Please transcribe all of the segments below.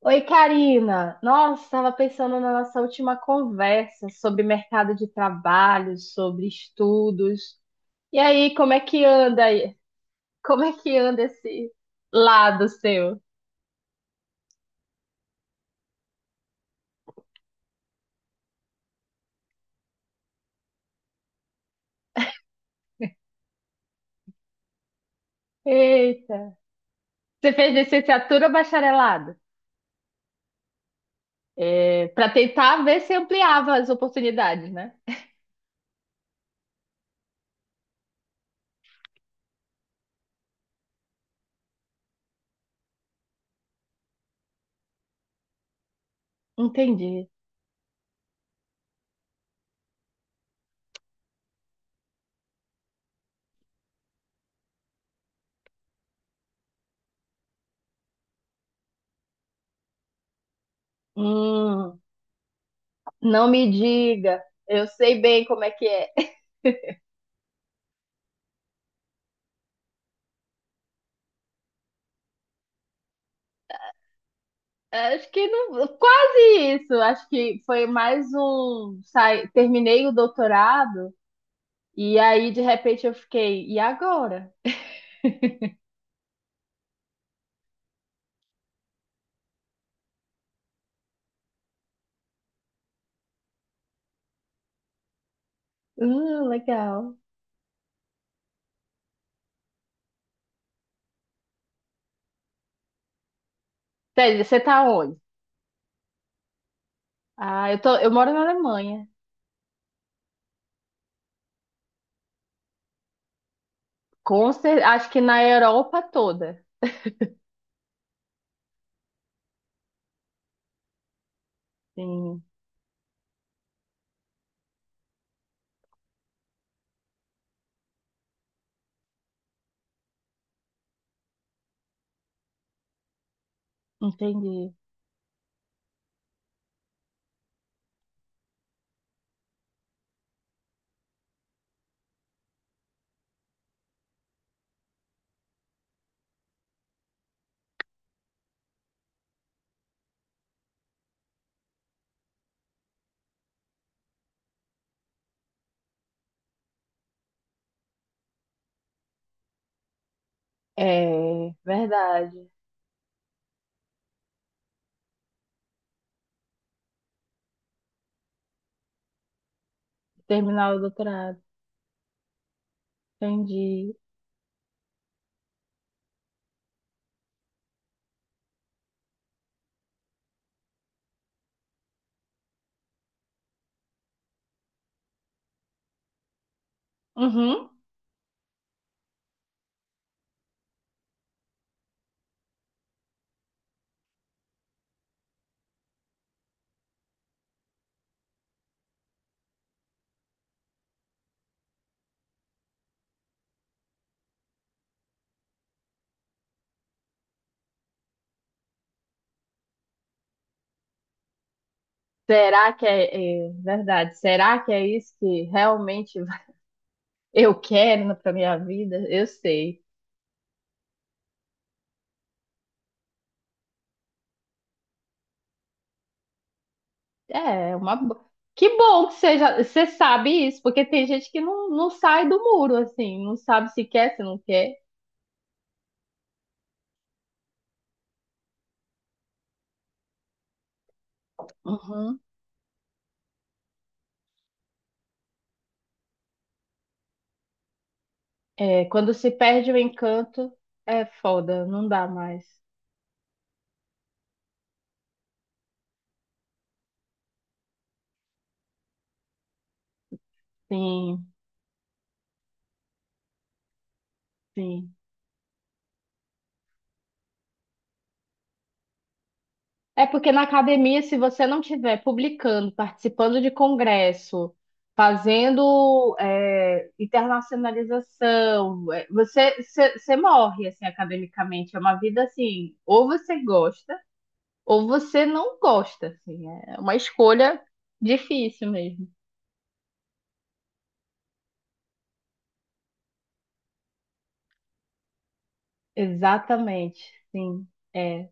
Oi, Karina. Nossa, estava pensando na nossa última conversa sobre mercado de trabalho, sobre estudos. E aí, como é que anda aí? Como é que anda esse lado seu? Eita. Você fez licenciatura ou bacharelado? É, para tentar ver se ampliava as oportunidades, né? Entendi. Hum, não me diga. Eu sei bem como é que é. Acho que não, quase isso. Acho que foi mais um. Terminei o doutorado e aí de repente eu fiquei. E agora? Legal. Tese, você tá onde? Ah, eu moro na Alemanha. Acho que na Europa toda. Sim, entendi. É verdade. Terminar o doutorado. Entendi. Uhum. Será que é verdade? Será que é isso que realmente eu quero para minha vida? Eu sei. É, uma. Que bom que você, já, você sabe isso, porque tem gente que não sai do muro, assim, não sabe se quer, se não quer. Uhum. É, quando se perde o encanto, é foda, não dá mais. Sim, sim. É porque na academia, se você não estiver publicando, participando de congresso, fazendo internacionalização, você morre, assim, academicamente. É uma vida assim, ou você gosta, ou você não gosta, assim, é uma escolha difícil mesmo. Exatamente, sim, é.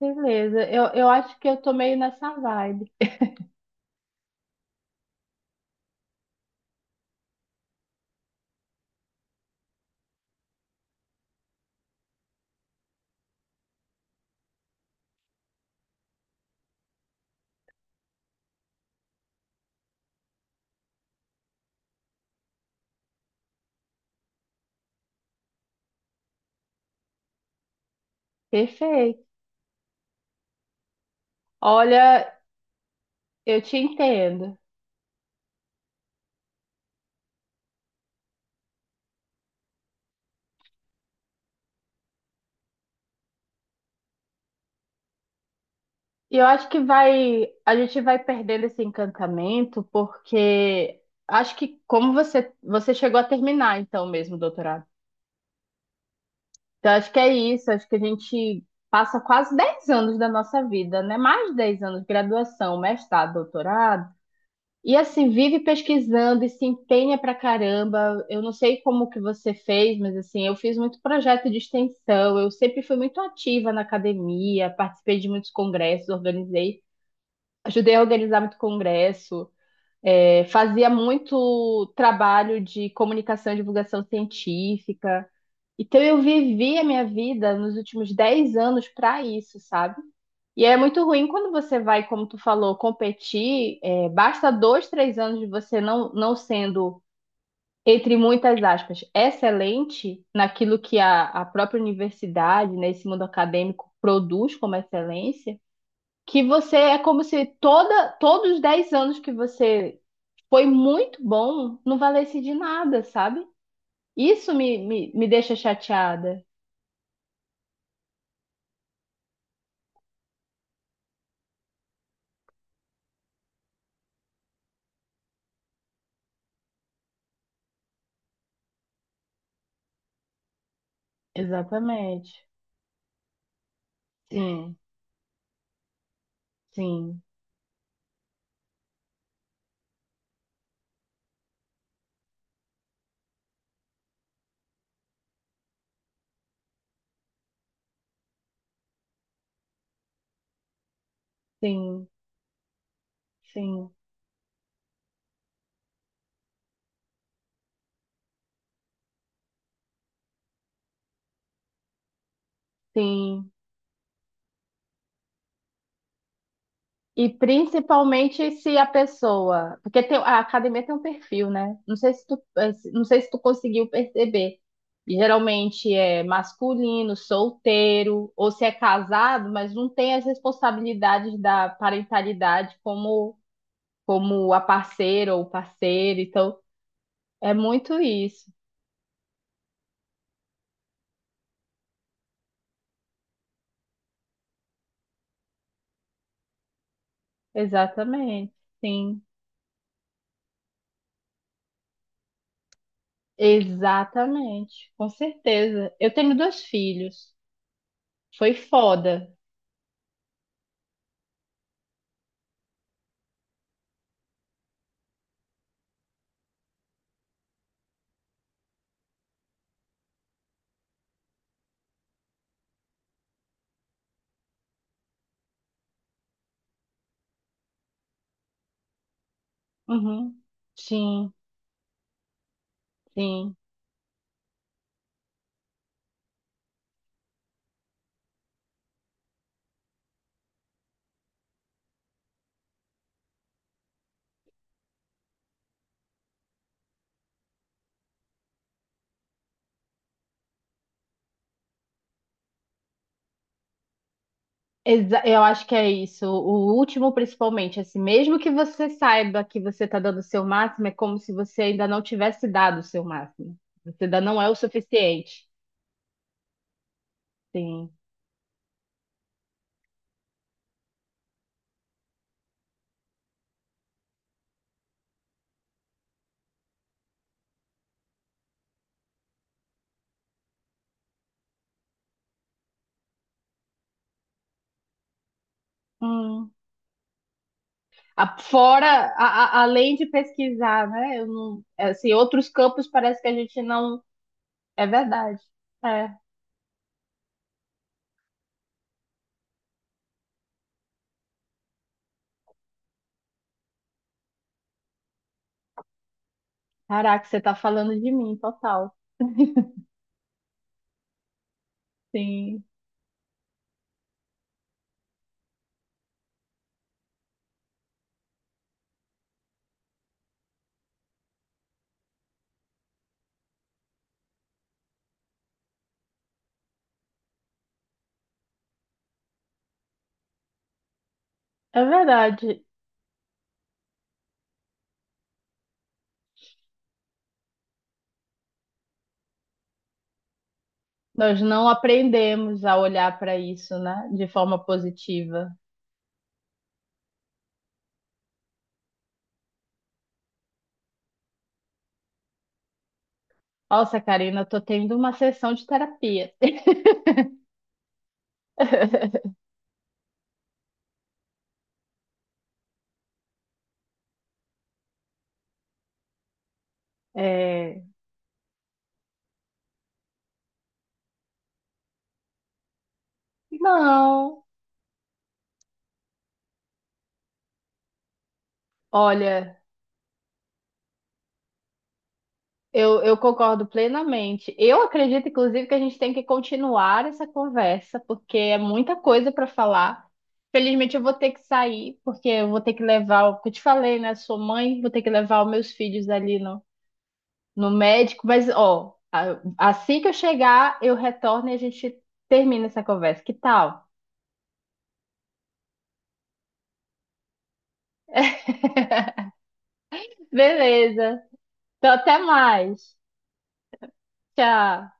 Beleza, eu acho que eu tô meio nessa vibe. Perfeito. Olha, eu te entendo. E eu acho que vai, a gente vai perdendo esse encantamento porque acho que como você chegou a terminar então mesmo o doutorado. Então acho que é isso, acho que a gente passa quase 10 anos da nossa vida, né? Mais de 10 anos, graduação, mestrado, doutorado. E assim, vive pesquisando e se empenha pra caramba. Eu não sei como que você fez, mas assim, eu fiz muito projeto de extensão, eu sempre fui muito ativa na academia, participei de muitos congressos, organizei, ajudei a organizar muito congresso, fazia muito trabalho de comunicação e divulgação científica. Então eu vivi a minha vida nos últimos 10 anos para isso, sabe? E é muito ruim quando você vai, como tu falou, competir. Basta 2, 3 anos de você não sendo, entre muitas aspas, excelente naquilo que a própria universidade, né, esse mundo acadêmico produz como excelência, que você é como se todos os 10 anos que você foi muito bom não valesse de nada, sabe? Isso me deixa chateada. Exatamente. Sim, sim, sim, sim, sim. E principalmente se a pessoa, porque a academia tem um perfil, né? Não sei se tu, conseguiu perceber. Geralmente é masculino, solteiro, ou se é casado, mas não tem as responsabilidades da parentalidade como a parceira ou parceiro. Então, é muito isso. Exatamente. Sim. Exatamente, com certeza. Eu tenho dois filhos. Foi foda. Uhum. Sim, sim. Eu acho que é isso. O último, principalmente, assim, mesmo que você saiba que você está dando o seu máximo, é como se você ainda não tivesse dado o seu máximo. Você ainda não é o suficiente. Sim. Hum. Fora, além de pesquisar, né? Eu não, assim, outros campos parece que a gente não. É verdade. É. Caraca, você tá falando de mim, total. Sim, é verdade. Nós não aprendemos a olhar para isso, né, de forma positiva. Nossa, Karina, eu tô tendo uma sessão de terapia. É, não, olha, eu concordo plenamente. Eu acredito, inclusive, que a gente tem que continuar essa conversa, porque é muita coisa para falar. Felizmente, eu vou ter que sair, porque eu vou ter que levar, o que eu te falei, né? Sou mãe, vou ter que levar os meus filhos ali no médico, mas ó, assim que eu chegar, eu retorno e a gente termina essa conversa. Que tal? Beleza. Então, até mais. Tchau.